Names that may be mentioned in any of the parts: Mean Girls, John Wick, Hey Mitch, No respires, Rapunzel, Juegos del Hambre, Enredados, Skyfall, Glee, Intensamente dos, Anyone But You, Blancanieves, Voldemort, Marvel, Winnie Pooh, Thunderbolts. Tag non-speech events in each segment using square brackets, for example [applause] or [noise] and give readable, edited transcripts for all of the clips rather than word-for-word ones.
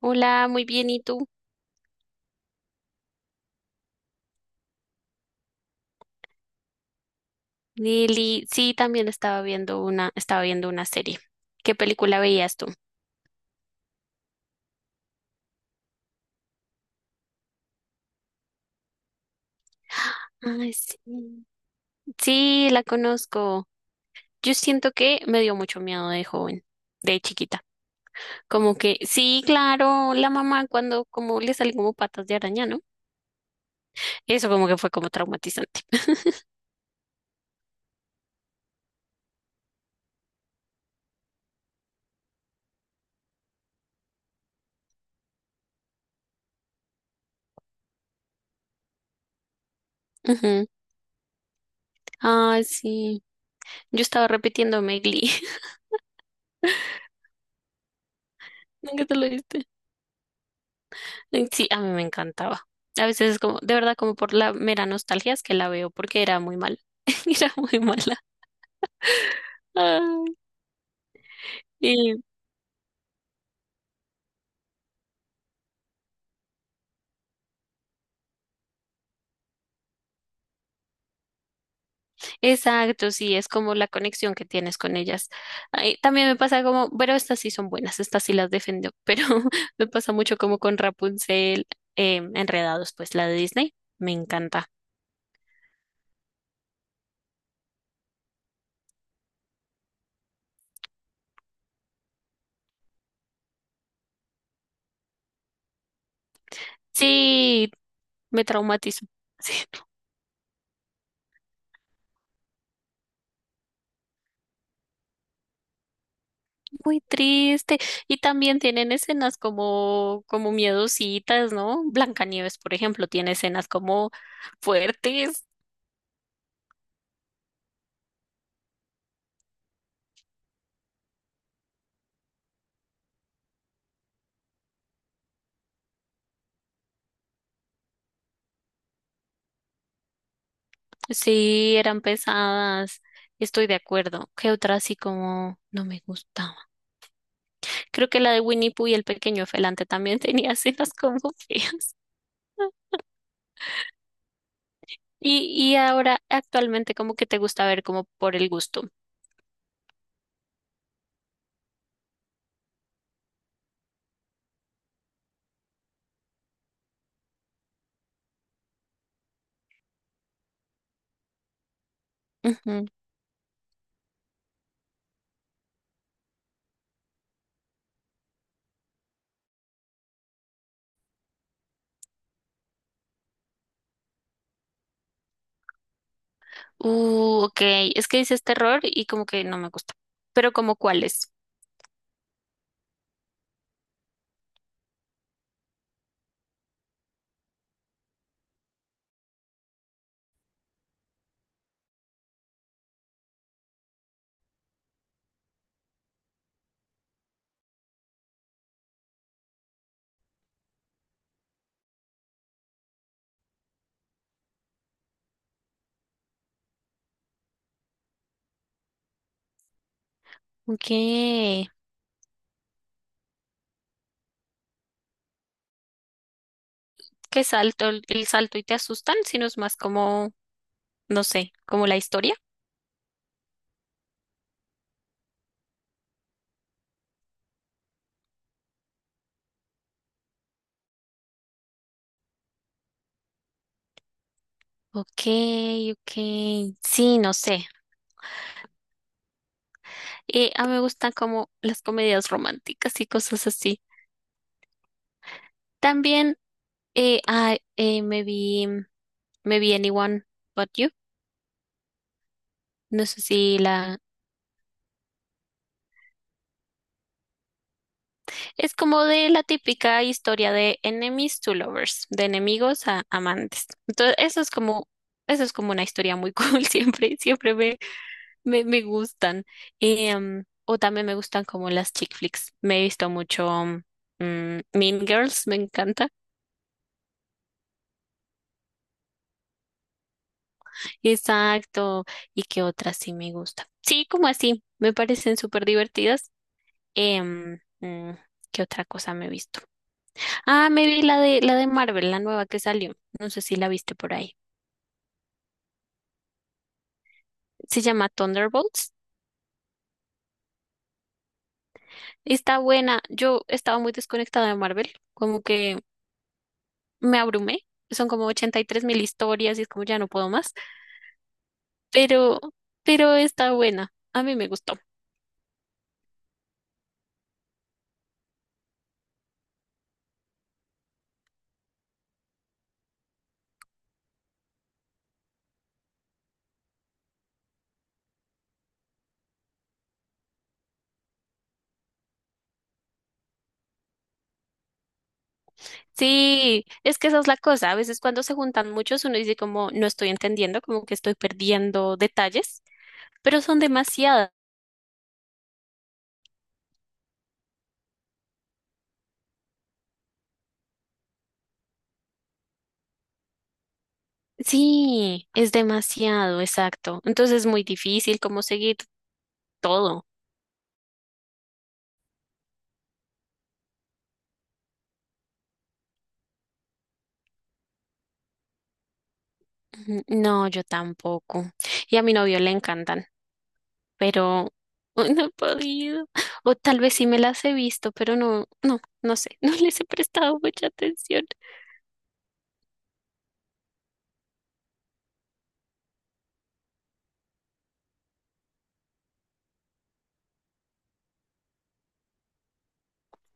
Hola, muy bien, ¿y tú? Lili, sí, también estaba viendo una, serie. ¿Qué película veías tú? Ay, sí. Sí, la conozco. Yo siento que me dio mucho miedo de joven, de chiquita. Como que, sí, claro, la mamá cuando como le salen como patas de araña, ¿no? Eso como que fue como traumatizante. [laughs] Ujú. Ay, sí. Yo estaba repitiéndome Glee. [laughs] Nunca te lo viste. Sí, a mí me encantaba. A veces es como, de verdad, como por la mera nostalgia es que la veo porque era muy mala. [laughs] Era muy mala. Ay, y- exacto, sí, es como la conexión que tienes con ellas. Ay, también me pasa como, pero estas sí son buenas, estas sí las defiendo, pero [laughs] me pasa mucho como con Rapunzel, Enredados, pues la de Disney, me encanta. Sí, me traumatizo. [laughs] Muy triste. Y también tienen escenas como, como miedositas, ¿no? Blancanieves, por ejemplo, tiene escenas como fuertes. Sí, eran pesadas. Estoy de acuerdo. ¿Qué otra así como no me gustaba? Creo que la de Winnie Pooh y el pequeño felante también [laughs] tenía escenas como feas. Y ahora, actualmente, como que te gusta ver como por el gusto. Ujú. Ok. Es que dices terror y como que no me gusta. Pero como cuáles. Ok, que salto el salto y te asustan, sino es más como, no sé, como la historia. Ok, ok. Sí, no sé. A mí me gustan como las comedias románticas y cosas así. También eh, ah, eh, me vi, me vi Anyone But You. No sé si la... Es como de la típica historia de enemies to lovers, de enemigos a amantes. Entonces, eso es como una historia muy cool. [laughs] Me, me gustan. O también me gustan como las chick flicks. Me he visto mucho Mean Girls, me encanta. Exacto. ¿Y qué otras sí me gustan? Sí, como así. Me parecen súper divertidas. Em, mm, ¿Qué otra cosa me he visto? Ah, me vi la de Marvel, la nueva que salió. No sé si la viste por ahí. Se llama Thunderbolts. Está buena. Yo estaba muy desconectada de Marvel. Como que me abrumé. Son como 83.000 historias y es como ya no puedo más. pero, pero está buena. A mí me gustó. Sí, es que esa es la cosa. A veces cuando se juntan muchos, uno dice como no estoy entendiendo, como que estoy perdiendo detalles, pero son demasiadas. Sí, es demasiado, exacto. Entonces es muy difícil como seguir todo. Ujú, no, yo tampoco. Y a mi novio le encantan, pero [laughs] ay, no he podido. O tal vez sí me las he visto, pero no sé, [laughs] no les he prestado mucha atención.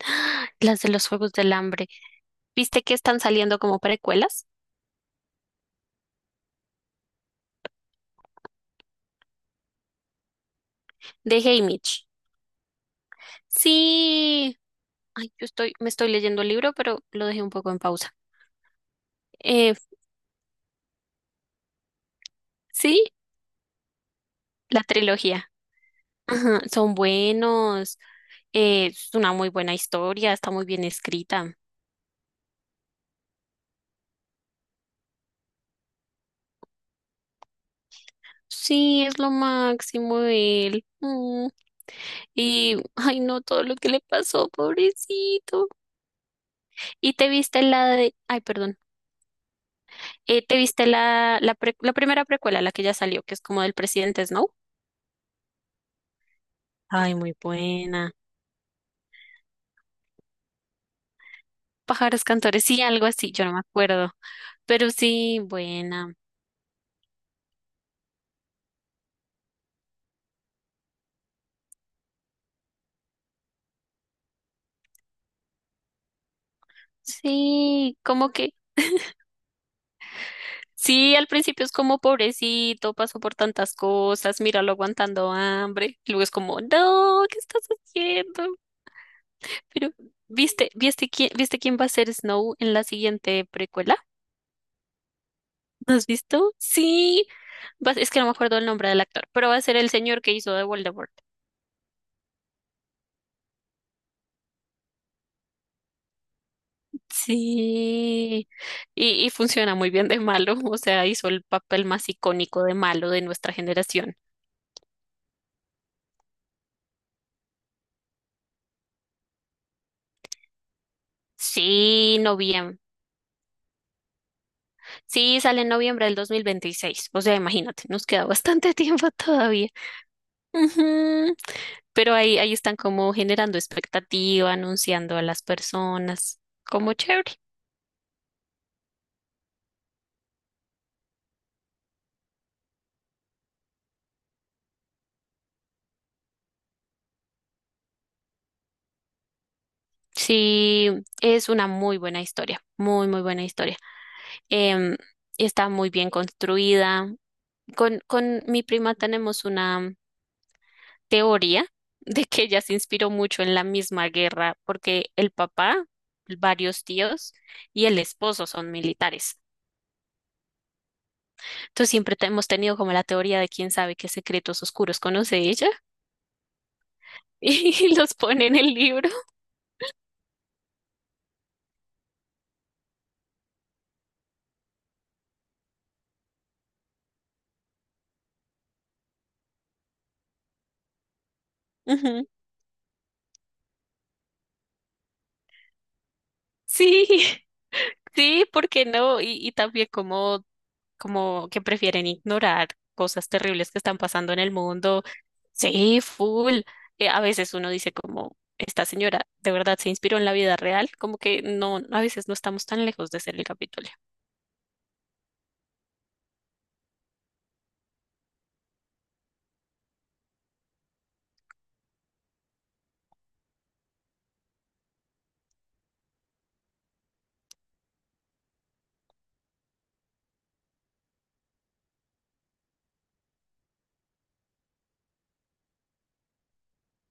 [gasps] Las de los Juegos del Hambre. ¿Viste que están saliendo como precuelas de Hey Mitch? Sí. Ay, yo estoy, me estoy leyendo el libro, pero lo dejé un poco en pausa. Eh, sí, la trilogía. Ajá, son buenos. Es una muy buena historia, está muy bien escrita. Sí, es lo máximo él. Y, ay, no, todo lo que le pasó, pobrecito. ¿Y te viste la de, ay, perdón, te viste la primera precuela, la que ya salió, que es como del presidente Snow? Ay, muy buena. Pájaros cantores, sí, algo así, yo no me acuerdo. Pero sí, buena. Sí, como que, sí, al principio es como pobrecito, pasó por tantas cosas, míralo aguantando hambre. Luego es como, no, ¿qué estás haciendo? Pero, ¿viste quién va a ser Snow en la siguiente precuela? ¿No has visto? Sí, es que no me acuerdo el nombre del actor, pero va a ser el señor que hizo de Voldemort. Sí, y funciona muy bien de malo, o sea, hizo el papel más icónico de malo de nuestra generación. Sí, noviembre. Sí, sale en noviembre del 2026. O sea, imagínate, nos queda bastante [laughs] tiempo todavía. Ujú. Pero ahí están como generando expectativa, anunciando a las personas, como chévere. Sí, es una muy buena historia, muy buena historia. Em, está muy bien construida. Con mi prima tenemos una teoría de que ella se inspiró mucho en la misma guerra porque el papá, varios tíos y el esposo son militares. Entonces hemos tenido como la teoría de quién sabe qué secretos oscuros conoce ella [laughs] y los pone en el libro. Ujú. Sí, [laughs] sí, ¿por qué no? Y también como como que prefieren ignorar cosas terribles que están pasando en el mundo. Sí, full. A veces uno dice como, esta señora de verdad se inspiró en la vida real, como que no, a veces no estamos tan lejos de ser el Capitolio.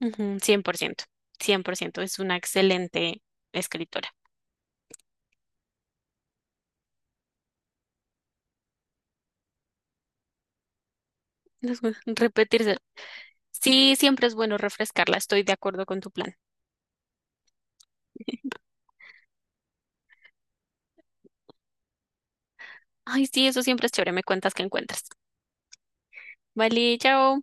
Ujú, 100%, es una excelente escritora. Repetirse. Sí, siempre es bueno refrescarla, estoy de acuerdo con tu plan. [laughs] Ay, sí, eso siempre es chévere, me cuentas que encuentras. Vale, chao.